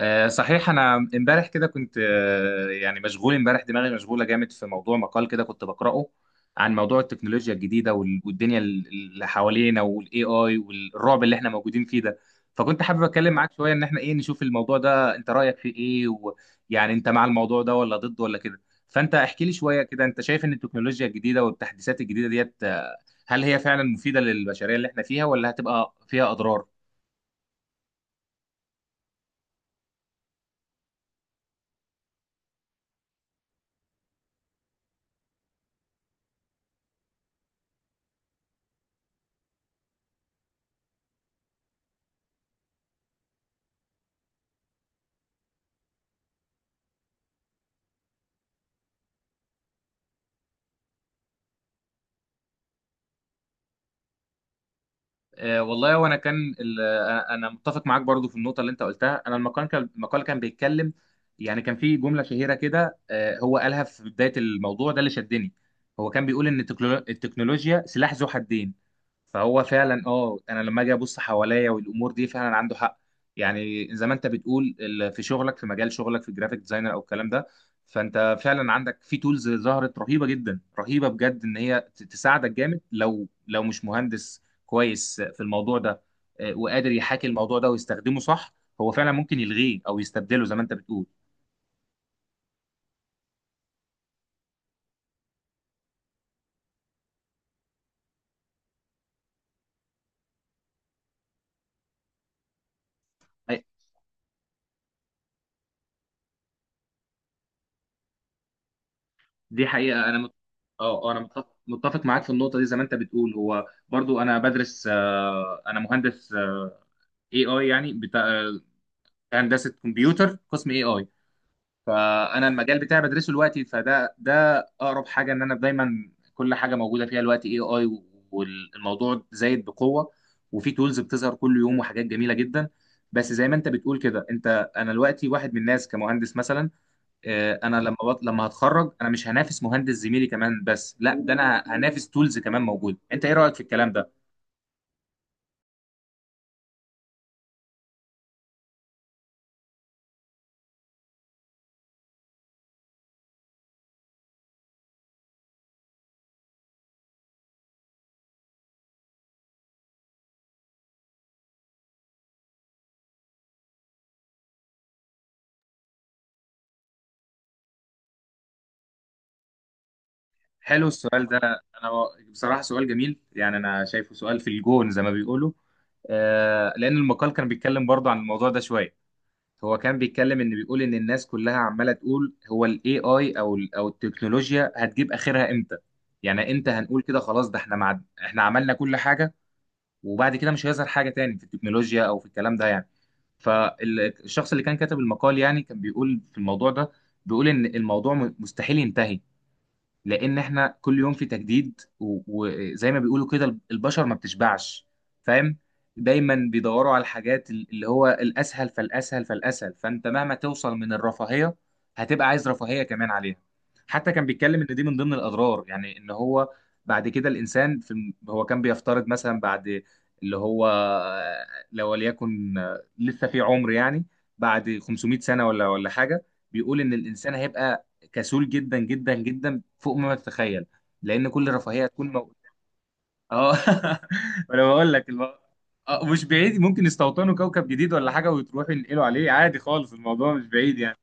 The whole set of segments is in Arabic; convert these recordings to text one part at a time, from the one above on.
صحيح، انا امبارح كده كنت يعني مشغول، امبارح دماغي مشغوله جامد في موضوع مقال كده كنت بقراه عن موضوع التكنولوجيا الجديده والدنيا اللي حوالينا والاي اي والرعب اللي احنا موجودين فيه ده. فكنت حابب اتكلم معاك شويه ان احنا ايه نشوف الموضوع ده، انت رايك فيه ايه؟ ويعني انت مع الموضوع ده ولا ضده ولا كده؟ فانت احكي لي شويه كده، انت شايف ان التكنولوجيا الجديده والتحديثات الجديده ديت، هل هي فعلا مفيده للبشريه اللي احنا فيها ولا هتبقى فيها اضرار؟ والله، وانا كان انا متفق معاك برضو في النقطه اللي انت قلتها. انا المقال كان بيتكلم. يعني كان في جمله شهيره كده هو قالها في بدايه الموضوع ده اللي شدني. هو كان بيقول ان التكنولوجيا سلاح ذو حدين. فهو فعلا انا لما اجي ابص حواليا والامور دي فعلا عنده حق. يعني زي ما انت بتقول في شغلك، في مجال شغلك في جرافيك ديزاينر او الكلام ده، فانت فعلا عندك في تولز ظهرت رهيبه جدا، رهيبه بجد، ان هي تساعدك جامد لو مش مهندس كويس في الموضوع ده، وقادر يحاكي الموضوع ده ويستخدمه صح. هو فعلا ممكن يلغيه او يستبدله زي ما انت بتقول. أي- دي حقيقه. انا اه، انا متفق معاك في النقطه دي. زي ما انت بتقول، هو برضو انا بدرس، انا مهندس، اي اي، يعني بتاع هندسه كمبيوتر، قسم اي اي. فانا المجال بتاعي بدرسه دلوقتي، ده اقرب حاجه، ان انا دايما كل حاجه موجوده فيها دلوقتي اي اي، والموضوع زايد بقوه، وفي تولز بتظهر كل يوم وحاجات جميله جدا. بس زي ما انت بتقول كده، انا دلوقتي واحد من الناس كمهندس مثلا، انا لما هتخرج انا مش هنافس مهندس زميلي كمان، بس لا، ده انا هنافس تولز كمان موجوده. انت ايه رايك في الكلام ده؟ حلو السؤال ده. انا بصراحه سؤال جميل، يعني انا شايفه سؤال في الجون زي ما بيقولوا. لان المقال كان بيتكلم برضه عن الموضوع ده شويه. هو كان بيتكلم، ان بيقول ان الناس كلها عماله تقول هو الاي اي او ال او التكنولوجيا هتجيب اخرها امتى. يعني امتى هنقول كده خلاص ده، احنا احنا عملنا كل حاجه، وبعد كده مش هيظهر حاجه تاني في التكنولوجيا او في الكلام ده يعني. فالشخص اللي كان كاتب المقال، يعني كان بيقول في الموضوع ده، بيقول ان الموضوع مستحيل ينتهي، لان احنا كل يوم في تجديد، وزي ما بيقولوا كده، البشر ما بتشبعش، فاهم؟ دايما بيدوروا على الحاجات اللي هو الاسهل فالاسهل فالاسهل. فانت مهما توصل من الرفاهيه، هتبقى عايز رفاهيه كمان عليها. حتى كان بيتكلم ان دي من ضمن الاضرار، يعني ان هو بعد كده الانسان في هو كان بيفترض مثلا بعد، اللي هو لو وليكن لسه في عمر يعني، بعد 500 سنه ولا حاجه، بيقول ان الانسان هيبقى كسول جدا جدا جدا، فوق ما تتخيل، لان كل رفاهيه هتكون اه وانا بقول لك مش بعيد ممكن يستوطنوا كوكب جديد ولا حاجه، وتروحوا ينقلوا عليه عادي خالص، الموضوع مش بعيد يعني.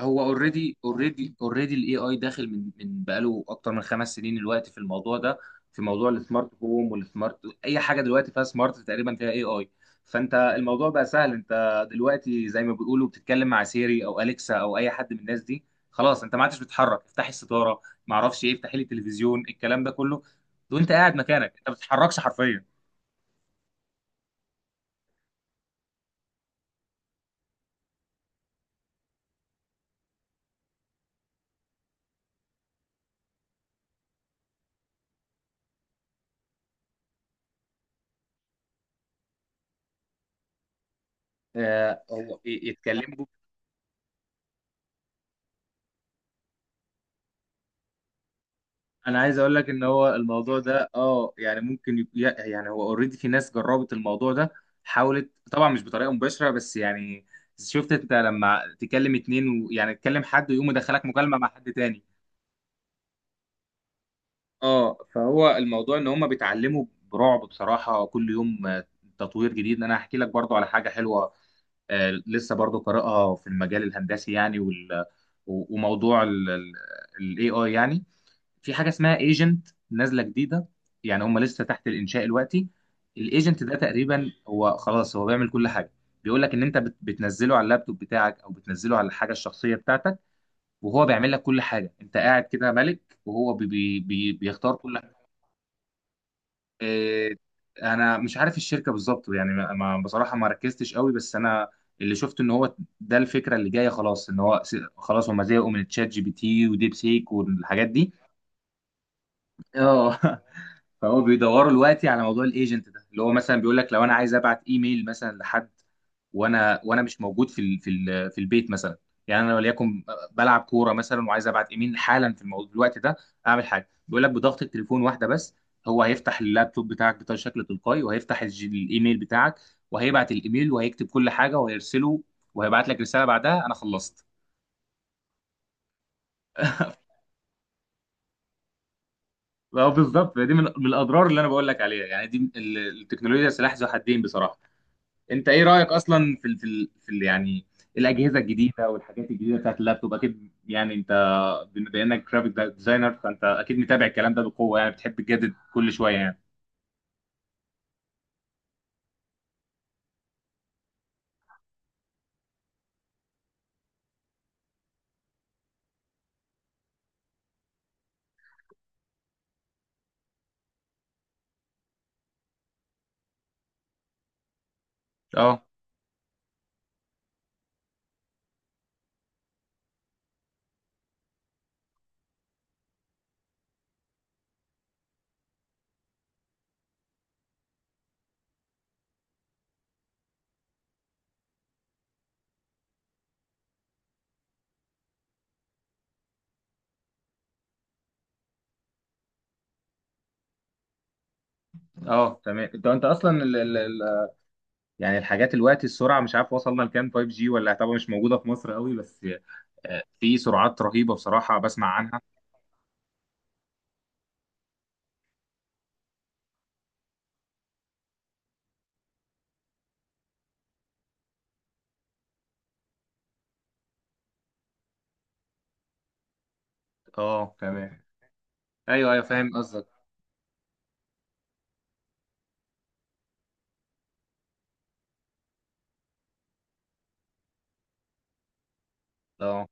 هو اوريدي الاي اي داخل من بقاله اكتر من 5 سنين دلوقتي في الموضوع ده. في موضوع السمارت هوم والسمارت، اي حاجه دلوقتي فيها سمارت تقريبا فيها اي اي. فانت الموضوع بقى سهل. انت دلوقتي زي ما بيقولوا بتتكلم مع سيري او اليكسا او اي حد من الناس دي، خلاص انت ما عادش بتتحرك. افتحي الستاره، ما اعرفش ايه، افتحي لي التلفزيون، الكلام ده كله وانت قاعد مكانك، انت ما بتتحركش حرفيا. هو يتكلموا. انا عايز اقول لك ان هو الموضوع ده اه يعني ممكن يعني هو اوريدي في ناس جربت الموضوع ده. حاولت طبعا، مش بطريقه مباشره، بس يعني شفت انت لما تكلم اتنين، ويعني تكلم حد ويقوم يدخلك مكالمه مع حد تاني. اه، فهو الموضوع ان هم بيتعلموا برعب بصراحه كل يوم، تطوير جديد. انا هحكي لك برضو على حاجه حلوه، لسه برضو قارئها في المجال الهندسي يعني، وموضوع الاي اي يعني. في حاجه اسمها ايجنت نازله جديده. يعني هم لسه تحت الانشاء دلوقتي. الايجنت ده تقريبا هو خلاص هو بيعمل كل حاجه، بيقول لك ان انت بتنزله على اللابتوب بتاعك او بتنزله على الحاجه الشخصيه بتاعتك، وهو بيعمل لك كل حاجه. انت قاعد كده ملك، وهو بي بي بي بيختار كل حاجه. إيه، انا مش عارف الشركه بالظبط يعني، بصراحه ما ركزتش قوي، بس انا اللي شفت ان هو ده الفكره اللي جايه. خلاص ان هو خلاص هم زهقوا من تشات جي بي تي وديب سيك والحاجات دي. اه فهو بيدوروا دلوقتي على موضوع الايجنت ده، اللي هو مثلا بيقول لك لو انا عايز ابعت ايميل مثلا لحد، وانا مش موجود في البيت مثلا، يعني انا وليكن بلعب كوره مثلا، وعايز ابعت ايميل حالا في الوقت ده، اعمل حاجه، بيقول لك بضغط التليفون واحده بس، هو هيفتح اللابتوب بتاعك بشكل تلقائي، وهيفتح الايميل بتاعك، وهيبعت الايميل، وهيكتب كل حاجه وهيرسله، وهيبعت لك رساله بعدها انا خلصت. اه، بالظبط، دي من الاضرار اللي انا بقول لك عليها، يعني دي التكنولوجيا سلاح ذو حدين بصراحه. انت ايه رايك اصلا في ال في ال في ال يعني الاجهزه الجديده والحاجات الجديده بتاعت اللابتوب؟ اكيد يعني انت، بما انك جرافيك ديزاينر، فانت اكيد متابع الكلام ده بقوه يعني، بتحب تجدد كل شويه يعني. اه، اه تمام. انت اصلا ال ال ال يعني الحاجات، الوقت، السرعه، مش عارف وصلنا لكام 5G، ولا طبعا مش موجوده في مصر قوي بس، في سرعات رهيبه بصراحه بسمع عنها. اه تمام. ايوه، ايوه، فاهم قصدك. اه،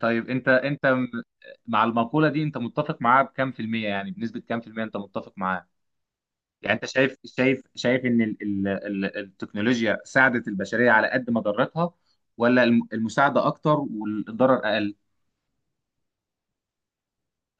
طيب، انت مع المقولة دي انت متفق معاها بكام في المية؟ يعني بنسبة كام في المية انت متفق معاها؟ يعني انت شايف ان ال ال ال التكنولوجيا ساعدت البشرية على قد ما ضرتها، ولا المساعدة اكتر والضرر اقل؟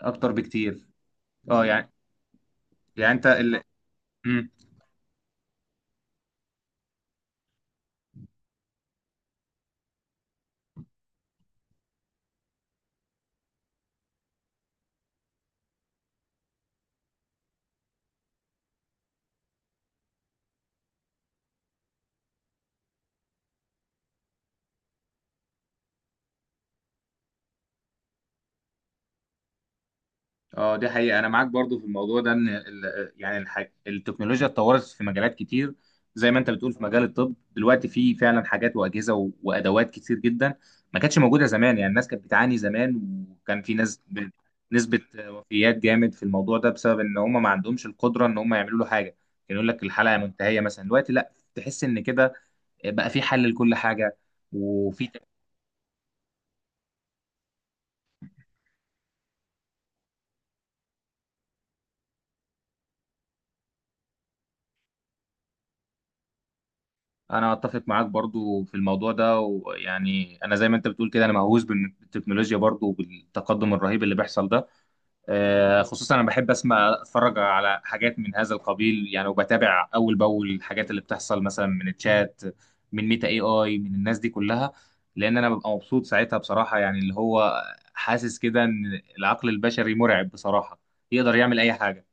اكتر بكتير. اه، يعني، انت اه، دي حقيقة، أنا معاك برضو في الموضوع ده، إن التكنولوجيا اتطورت في مجالات كتير. زي ما أنت بتقول، في مجال الطب دلوقتي في فعلا حاجات وأجهزة وأدوات كتير جدا ما كانتش موجودة زمان. يعني الناس كانت بتعاني زمان، وكان في ناس نسبة وفيات جامد في الموضوع ده، بسبب إن هم ما عندهمش القدرة إن هم يعملوا له حاجة. كان يقول لك الحلقة منتهية مثلا. دلوقتي لا، تحس إن كده بقى في حل لكل حاجة، وفي... انا اتفق معاك برضو في الموضوع ده. ويعني انا زي ما انت بتقول كده، انا مهووس بالتكنولوجيا برضو، وبالتقدم الرهيب اللي بيحصل ده، خصوصا انا بحب اسمع اتفرج على حاجات من هذا القبيل يعني، وبتابع اول باول الحاجات اللي بتحصل، مثلا من الشات، من ميتا اي اي، من الناس دي كلها، لان انا ببقى مبسوط ساعتها بصراحة يعني. اللي هو حاسس كده ان العقل البشري مرعب بصراحة، يقدر يعمل اي حاجة.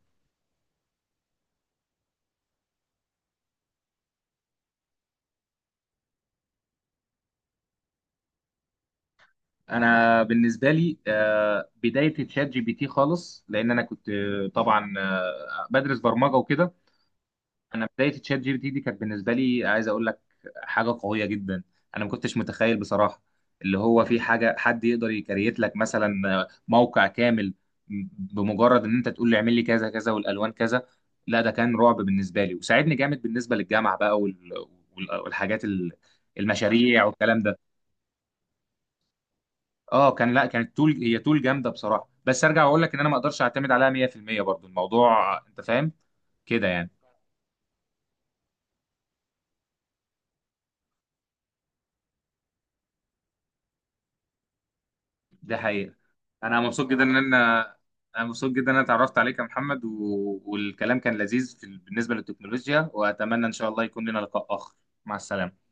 انا بالنسبه لي بدايه تشات جي بي تي خالص، لان انا كنت طبعا بدرس برمجه وكده. انا بدايه تشات جي بي تي دي كانت بالنسبه لي، عايز اقول لك، حاجه قويه جدا. انا ما كنتش متخيل بصراحه اللي هو في حاجه حد يقدر يكريت لك مثلا موقع كامل بمجرد ان انت تقول له اعمل لي كذا كذا، والالوان كذا. لا، ده كان رعب بالنسبه لي، وساعدني جامد بالنسبه للجامعه بقى والحاجات، المشاريع والكلام ده. اه، كان، لا، كانت تول، هي تول جامده بصراحه، بس ارجع واقول لك ان انا ما اقدرش اعتمد عليها 100% برضو الموضوع، انت فاهم كده يعني. ده حقيقه. انا مبسوط جدا ان انا انا مبسوط جدا ان انا اتعرفت عليك يا محمد، والكلام كان لذيذ بالنسبه للتكنولوجيا، واتمنى ان شاء الله يكون لنا لقاء اخر. مع السلامه.